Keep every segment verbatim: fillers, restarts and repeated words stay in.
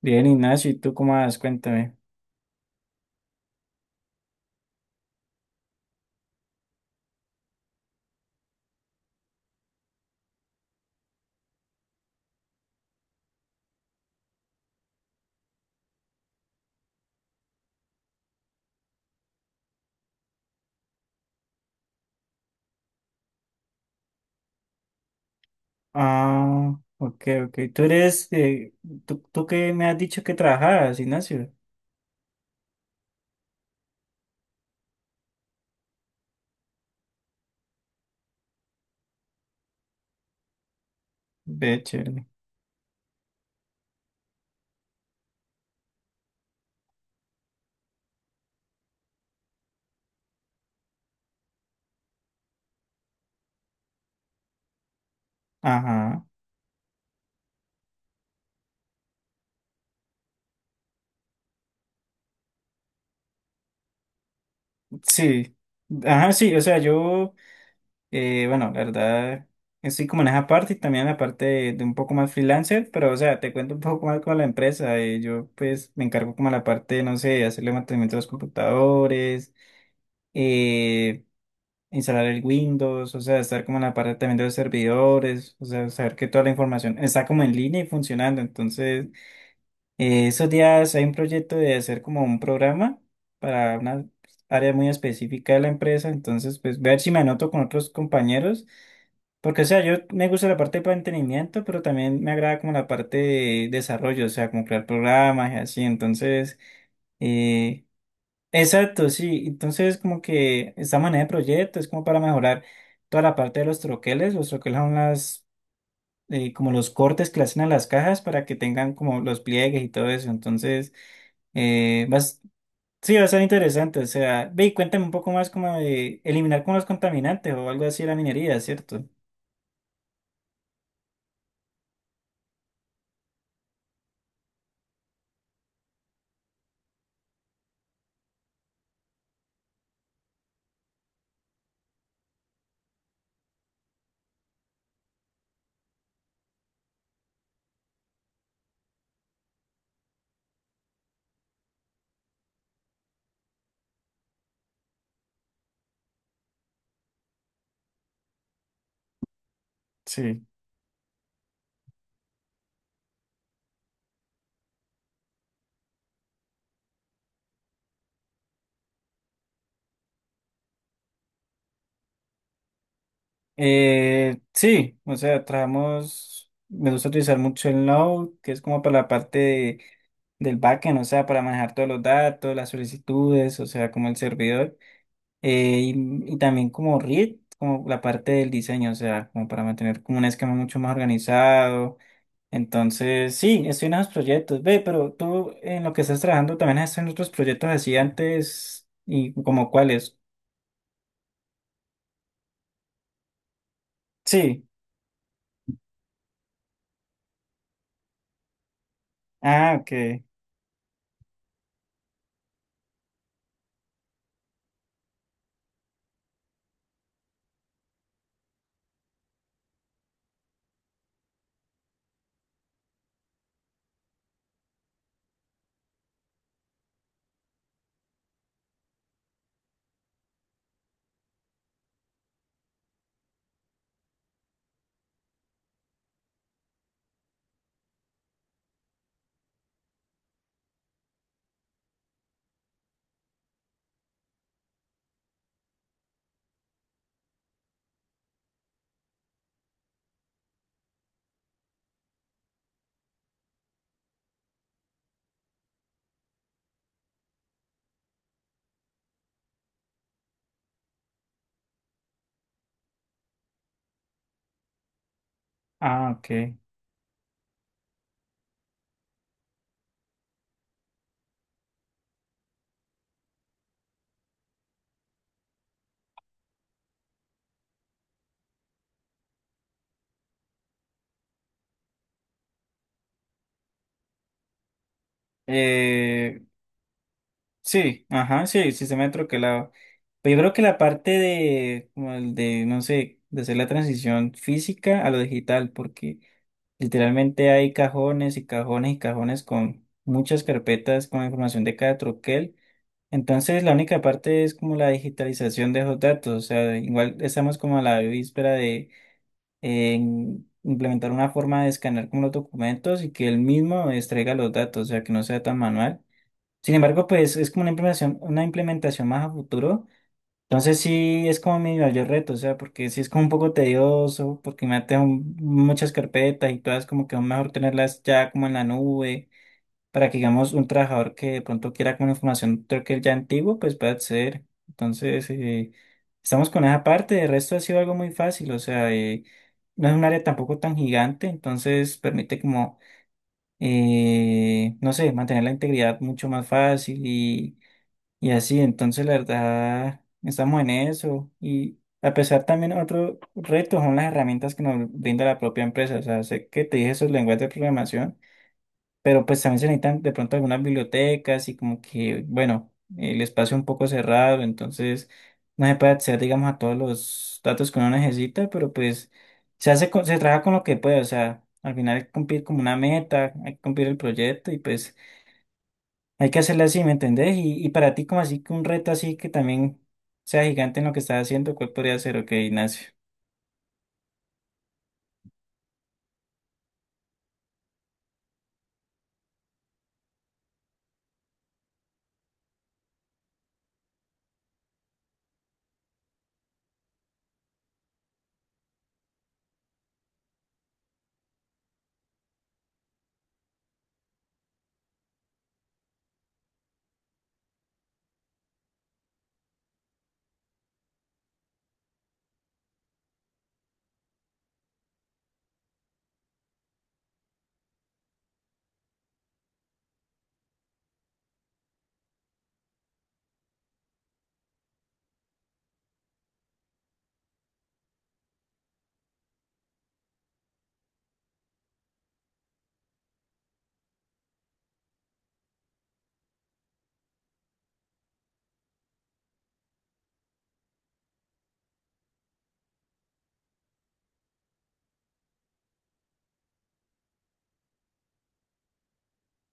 Bien, Ignacio, ¿y tú cómo vas? Cuéntame. Ah, ok, ok. Tú eres, eh, tú, tú que me has dicho que trabajabas, Ignacio. Ve, chévere. Ajá, sí. Ajá, sí, o sea, yo, eh, bueno, la verdad, estoy como en esa parte y también en la parte de, de un poco más freelancer, pero, o sea, te cuento un poco más con la empresa. Eh, yo, pues, me encargo como la parte, no sé, de hacerle mantenimiento a los computadores, eh. Instalar el Windows, o sea, estar como en la parte también de los servidores, o sea, saber que toda la información está como en línea y funcionando. Entonces, eh, esos días hay un proyecto de hacer como un programa para una área muy específica de la empresa, entonces, pues ver si me anoto con otros compañeros, porque, o sea, yo me gusta la parte de mantenimiento, pero también me agrada como la parte de desarrollo, o sea, como crear programas y así, entonces... Eh, Exacto, sí. Entonces, como que esta manera de proyecto es como para mejorar toda la parte de los troqueles. Los troqueles son las, eh, como los cortes que le hacen a las cajas para que tengan como los pliegues y todo eso. Entonces, eh, vas, sí, va a ser interesante. O sea, ve y cuéntame un poco más como de eliminar como los contaminantes o algo así de la minería, ¿cierto? Sí. Eh, sí, o sea, trabajamos, me gusta utilizar mucho el Node, que es como para la parte del backend, o sea, para manejar todos los datos, las solicitudes, o sea, como el servidor, eh, y, y también como React, como la parte del diseño, o sea, como para mantener como un esquema mucho más organizado. Entonces, sí, estoy en esos proyectos. Ve, pero tú en lo que estás trabajando también has hecho en otros proyectos así antes y como cuáles. Sí. Ah, ok. Ah, ok. Eh, Sí, ajá, sí, el sistema de troquelado. Pero yo creo que la parte de, como el de, no sé, de hacer la transición física a lo digital, porque literalmente hay cajones y cajones y cajones con muchas carpetas con información de cada troquel. Entonces, la única parte es como la digitalización de esos datos. O sea, igual estamos como a la víspera de eh, implementar una forma de escanear como los documentos y que él mismo extraiga los datos, o sea, que no sea tan manual sin embargo, pues es como una implementación, una implementación más a futuro. Entonces sí es como mi mayor reto, o sea, porque sí es como un poco tedioso, porque me tengo muchas carpetas y todas como que es mejor tenerlas ya como en la nube, para que digamos un trabajador que de pronto quiera como información creo que ya antiguo, pues pueda acceder. Entonces, eh, estamos con esa parte, de resto ha sido algo muy fácil, o sea, eh, no es un área tampoco tan gigante, entonces permite como eh, no sé, mantener la integridad mucho más fácil y y así, entonces la verdad, estamos en eso. Y a pesar también otro reto son las herramientas que nos brinda la propia empresa. O sea, sé que te dije esos lenguajes de programación, pero pues también se necesitan de pronto algunas bibliotecas y como que, bueno, el espacio un poco cerrado, entonces no se puede acceder, digamos, a todos los datos que uno necesita, pero pues se hace con- se trabaja con lo que puede. O sea, al final hay que cumplir como una meta, hay que cumplir el proyecto y pues... Hay que hacerla así, ¿me entendés? Y, y para ti, como así que un reto así que también sea gigante en lo que estás haciendo, ¿cuál podría ser? Ok, Ignacio.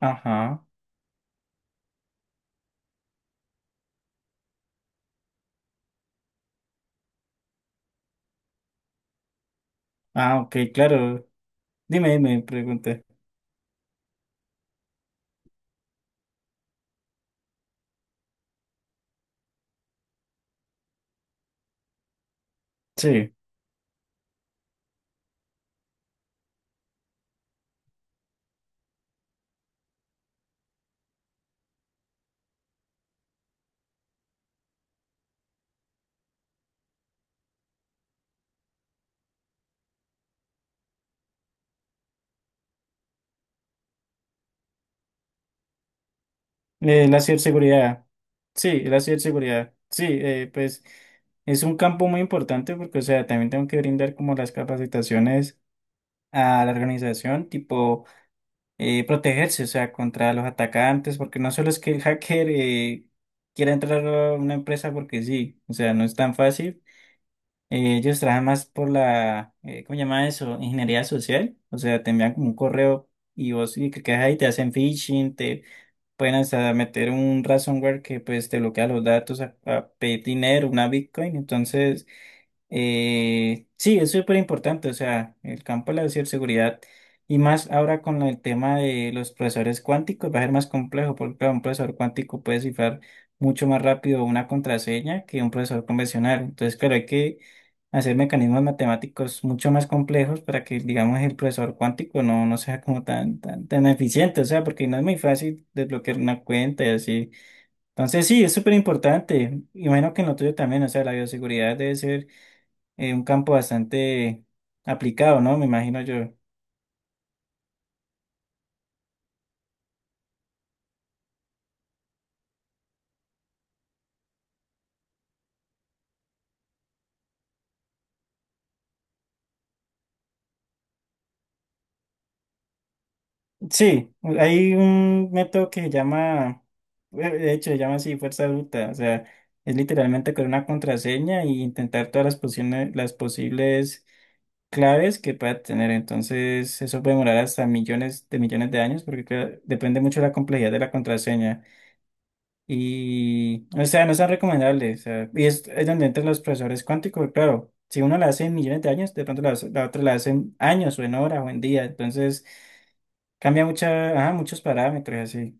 Ajá. Ah, ok, claro. Dime, dime, pregunta. Sí. Eh, la ciberseguridad. Sí, la ciberseguridad. Sí, eh, pues es un campo muy importante porque, o sea, también tengo que brindar como las capacitaciones a la organización, tipo. Eh, protegerse, o sea, contra los atacantes, porque no solo es que el hacker eh, quiera entrar a una empresa porque sí, o sea, no es tan fácil. Eh, ellos trabajan más por la, eh, ¿cómo se llama eso? Ingeniería social, o sea, te envían como un correo y vos y que quedas ahí, te hacen phishing, te pueden hasta meter un ransomware que pues te bloquea los datos a, a pedir dinero, una Bitcoin, entonces... Eh, sí, es súper importante, o sea, el campo de la ciberseguridad y más ahora con el tema de los procesadores cuánticos va a ser más complejo porque claro, un procesador cuántico puede cifrar mucho más rápido una contraseña que un procesador convencional. Entonces, claro, hay que hacer mecanismos matemáticos mucho más complejos para que, digamos, el procesador cuántico no, no sea como tan, tan, tan eficiente, o sea, porque no es muy fácil desbloquear una cuenta y así. Entonces, sí, es súper importante. Imagino que en lo tuyo también, o sea, la bioseguridad debe ser eh, un campo bastante aplicado, ¿no? Me imagino yo. Sí, hay un método que se llama, eh, de hecho, se llama así fuerza bruta, o sea, es literalmente con una contraseña y intentar todas las posibles, las posibles claves que pueda tener. Entonces, eso puede demorar hasta millones de millones de años porque claro, depende mucho de la complejidad de la contraseña. Y, o sea, no son recomendables. O sea, y es, es donde entran los profesores cuánticos, claro. Si uno la hace en millones de años, de pronto la, hace- la otra la hace en años o en horas o en días. Entonces, cambia mucha, ajá, muchos parámetros, así.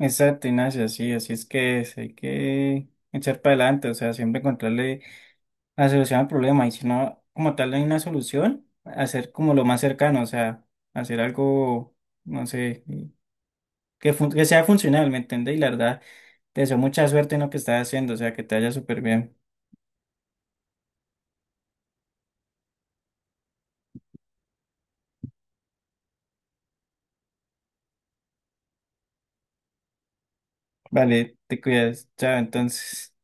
Exacto, Ignacio, así, así es que es, hay que echar para adelante, o sea, siempre encontrarle la solución al problema. Y si no, como tal, no hay una solución, hacer como lo más cercano, o sea, hacer algo, no sé. Que, fun- que sea funcional, ¿me entendés? Y la verdad, te deseo mucha suerte en lo que estás haciendo, o sea, que te vaya súper bien. Vale, te cuidas. Chao, entonces.